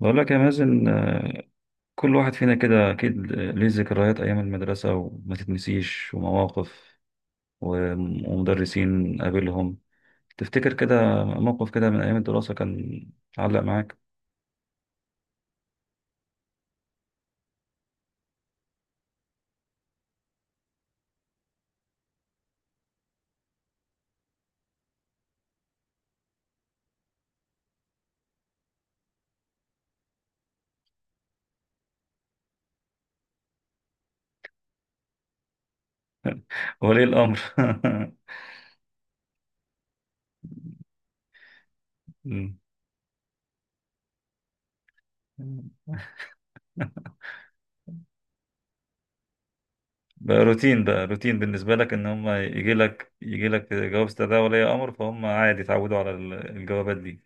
بقول لك يا مازن، كل واحد فينا كده أكيد ليه ذكريات أيام المدرسة وما تتنسيش، ومواقف ومدرسين قابلهم. تفتكر كده موقف كده من أيام الدراسة كان علق معاك؟ ولي الأمر. مم. بقى روتين، بقى روتين بالنسبة لك إن هم يجي لك جواب استدعاء ولي أمر، فهم عادي اتعودوا على الجوابات دي.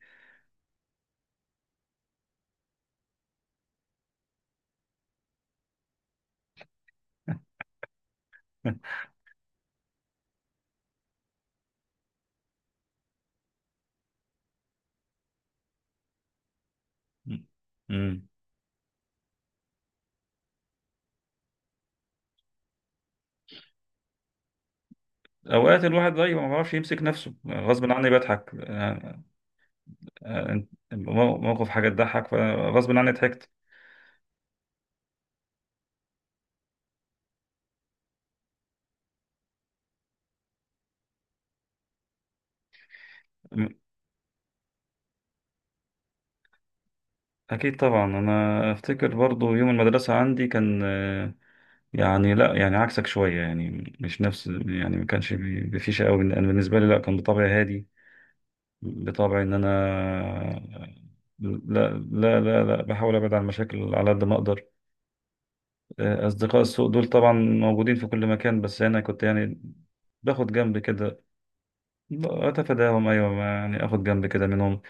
مم. اوقات الواحد بقى ما بيعرفش يمسك نفسه، غصب عني بضحك. آه، موقف حاجة تضحك، فغصب عني ضحكت. م- أكيد طبعا. أنا أفتكر برضو يوم المدرسة عندي كان يعني لا، يعني عكسك شوية يعني، مش نفس، يعني ما كانش بفيشة أوي. أنا بالنسبة لي لا، كان بطبعي هادي، بطبعي إن أنا لا، لا، لا، لا، بحاول أبعد عن المشاكل على قد ما أقدر. أصدقاء السوء دول طبعا موجودين في كل مكان، بس أنا كنت يعني باخد جنب كده. أتفاداهم، أيوة، يعني آخد جنب كده منهم.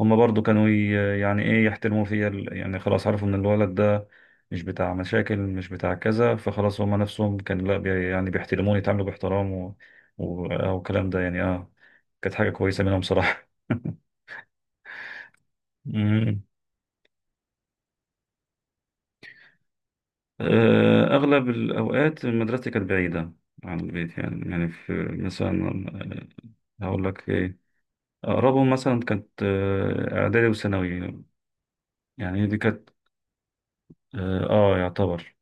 هما برضو كانوا يعني ايه يحترموا فيا، يعني خلاص عرفوا ان الولد ده مش بتاع مشاكل مش بتاع كذا، فخلاص هما نفسهم كان لا بي يعني بيحترموني، يتعاملوا باحترام، و... و... آه، والكلام ده يعني اه كانت حاجة كويسة منهم صراحة. مم. أغلب الأوقات مدرستي كانت بعيدة عن البيت يعني. يعني في مثلا هقول لك إيه، أقربهم مثلا كانت إعدادي وثانوي. يعني دي كانت يعتبر،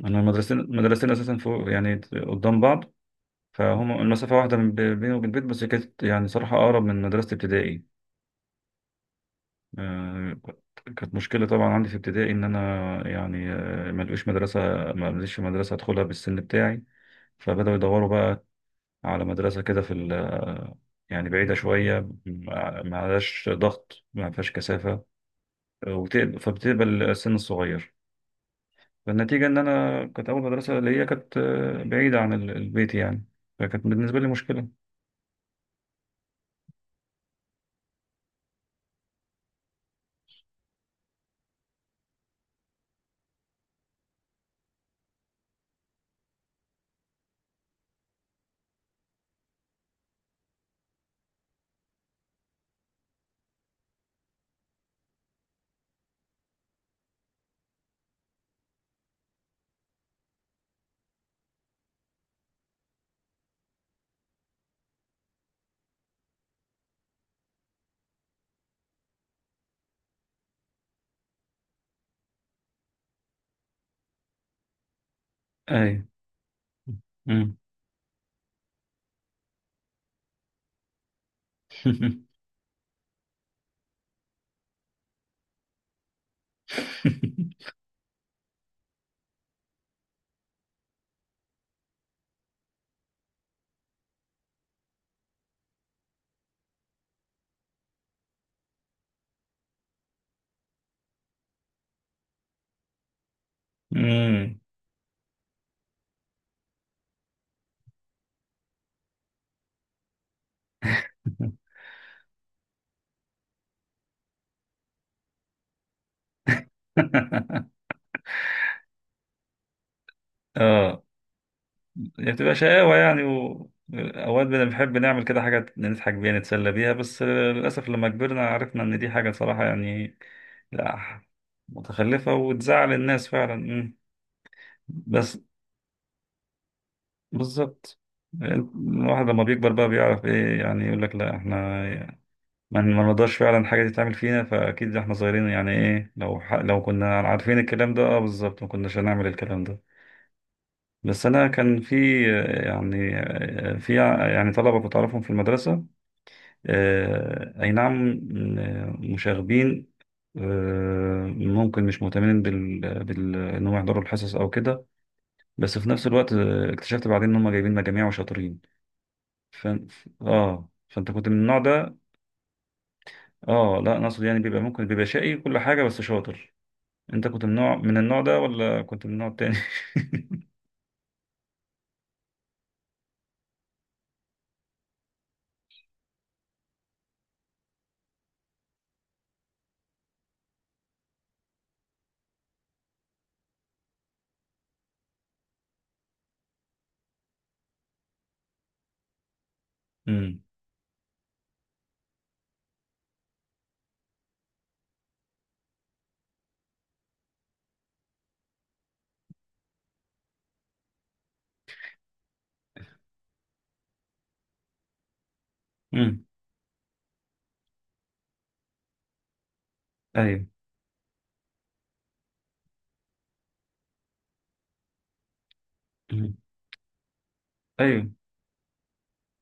انا المدرستين اساسا فوق يعني، قدام بعض. فهم المسافه واحده من بيني وبين البيت، بس كانت يعني صراحه اقرب من مدرسه ابتدائي. آه، كانت كانت مشكله طبعا عندي في ابتدائي ان انا يعني ما لقوش مدرسه، ما لقيتش مدرسه ادخلها بالسن بتاعي، فبداوا يدوروا بقى على مدرسه كده في يعني بعيده شويه، ما ما عليهاش ضغط، ما فيهاش كثافه، فبتقبل السن الصغير. فالنتيجة إن أنا كانت أول مدرسة ليا كانت بعيدة عن البيت يعني، فكانت بالنسبة لي مشكلة. أي. مم. مم. آه. هي بتبقى شقاوة يعني، أوقات بنحب نعمل كده حاجة نضحك بيها نتسلى بيها، بس للأسف لما كبرنا عرفنا إن دي حاجة صراحة يعني، لا، متخلفة وتزعل الناس فعلا. مم. بس بالظبط، الواحد لما بيكبر بقى بيعرف ايه، يعني يقول لك لا، احنا ما نقدرش فعلا حاجة تتعمل فينا، فأكيد إحنا صغيرين يعني إيه، لو ح... لو كنا عارفين الكلام ده أه بالظبط ما كناش هنعمل الكلام ده. بس أنا كان في يعني في يعني طلبة كنت أعرفهم في المدرسة، أي نعم، مشاغبين، ممكن مش مهتمين إن هم يحضروا الحصص أو كده. بس في نفس الوقت اكتشفت بعدين إن هم جايبين مجاميع وشاطرين. فأنت كنت من النوع ده؟ اه، لا، انا اقصد يعني بيبقى ممكن بيبقى شقي كل حاجه بس شاطر. انت كنت من النوع ده، ولا كنت من النوع التاني؟ امم، امم، ايوه. مم. ايوه،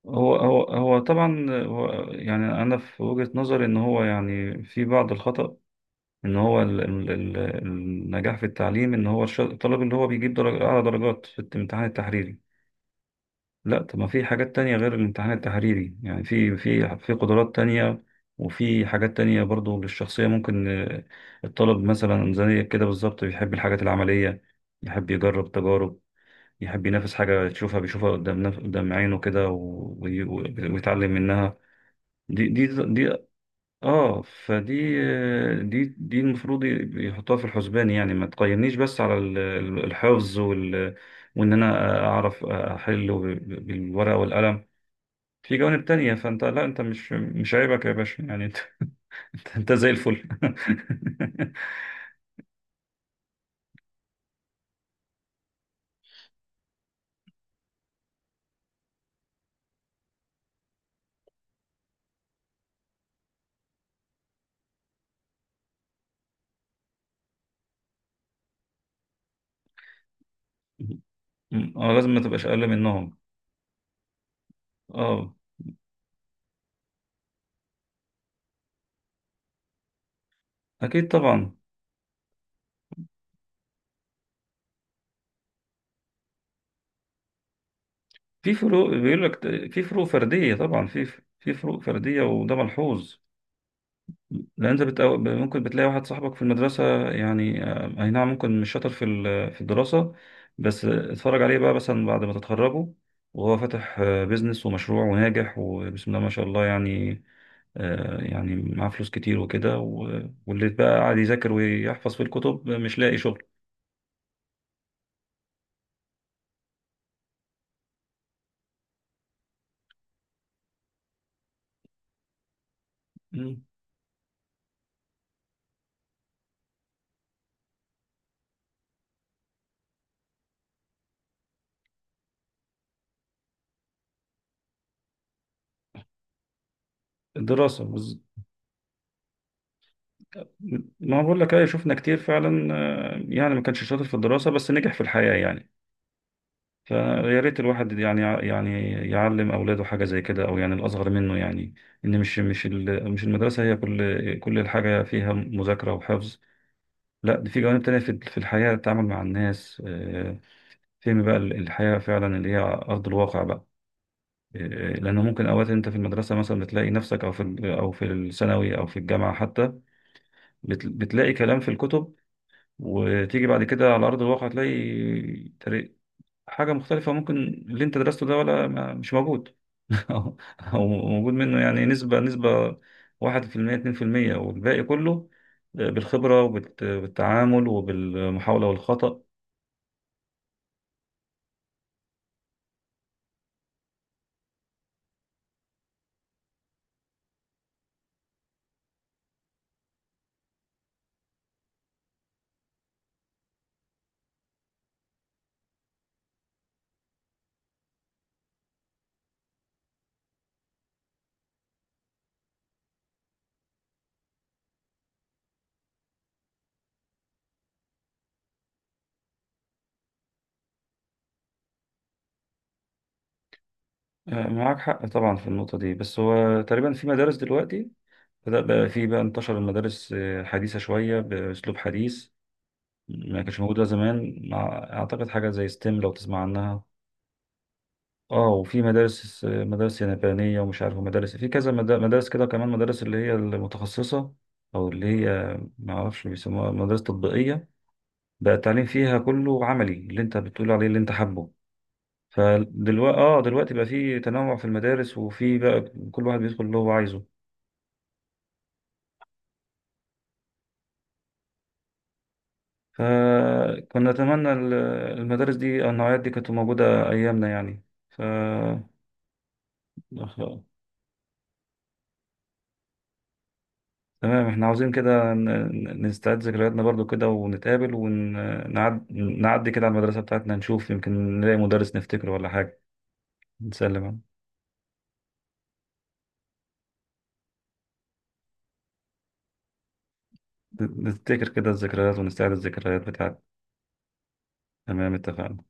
هو هو هو طبعا، هو يعني. انا في وجهة نظري ان هو يعني في بعض الخطأ ان هو النجاح في التعليم ان هو الطالب اللي هو بيجيب درجة اعلى درجات في الامتحان التحريري. لا، طب ما في حاجات تانية غير الامتحان التحريري يعني، في في قدرات تانية، وفي حاجات تانية برضو للشخصية. ممكن الطالب مثلا زي كده بالظبط بيحب الحاجات العملية، يحب يجرب تجارب، يحب ينافس حاجة يشوفها بيشوفها قدام نف... قدام عينه كده، ويتعلم منها. دي دي دي اه فدي آه، دي دي المفروض يحطها في الحسبان، يعني ما تقيمنيش بس على الحفظ، وان انا اعرف احله بالورقة والقلم. في جوانب تانية، فانت لا، انت مش عيبك يا باشا يعني، انت، انت زي الفل. اه، لازم ما تبقاش اقل منهم. اه، اكيد طبعا، في فروق بيقول لك، في فروق فردية طبعا، في في فروق فردية وده ملحوظ. لان انت بتقو... ممكن بتلاقي واحد صاحبك في المدرسه يعني، اي نعم، ممكن مش شاطر في في الدراسه، بس اتفرج عليه بقى مثلا بعد ما تتخرجوا وهو فاتح بيزنس ومشروع وناجح وبسم الله ما شاء الله يعني. يعني معاه فلوس كتير وكده، واللي بقى قاعد يذاكر ويحفظ في الكتب مش لاقي شغل. مم. الدراسة بز... ما بقول لك ايه، شفنا كتير فعلا يعني ما كانش شاطر في الدراسة بس نجح في الحياة يعني. فيا ريت الواحد يعني يعلم اولاده حاجه زي كده، او يعني الاصغر منه يعني، ان مش المدرسه هي كل الحاجه فيها مذاكره وحفظ. لا، دي في جوانب تانية، في في الحياه، التعامل مع الناس، فهم بقى الحياه فعلا اللي هي ارض الواقع بقى. لانه ممكن اوقات انت في المدرسه مثلا بتلاقي نفسك، او في او في الثانوي او في الجامعه حتى بتلاقي كلام في الكتب، وتيجي بعد كده على ارض الواقع، تلاقي حاجة مختلفة. ممكن اللي انت درسته ده ولا ما مش موجود، او أو موجود منه يعني نسبة، نسبة 1% 2%، والباقي كله بالخبرة وبالتعامل وبالمحاولة والخطأ. معاك حق طبعا في النقطة دي. بس هو تقريبا في مدارس دلوقتي بدأ بقى في بقى انتشر المدارس، حديثة شوية بأسلوب حديث، ما كانش موجودة زمان. مع أعتقد حاجة زي ستيم، لو تسمع عنها. اه، وفي مدارس يابانية، ومش عارف مدارس في كذا مدارس كده كمان، مدارس اللي هي المتخصصة، أو اللي هي ما أعرفش بيسموها مدارس تطبيقية، بقى التعليم فيها كله عملي، اللي أنت بتقول عليه اللي أنت حابه. فدلوقتي اه دلوقتي بقى في تنوع في المدارس، وفي بقى كل واحد بيدخل اللي هو عايزه. فكنا نتمنى المدارس دي أو النوعيات دي كانت موجودة أيامنا يعني. ف تمام، احنا عاوزين كده نستعيد ذكرياتنا برضو كده، ونتقابل، ونعدي كده على المدرسة بتاعتنا، نشوف يمكن نلاقي مدرس نفتكره ولا حاجة، نسلم عليه. نفتكر كده الذكريات، ونستعيد الذكريات بتاعتنا. تمام، اتفقنا.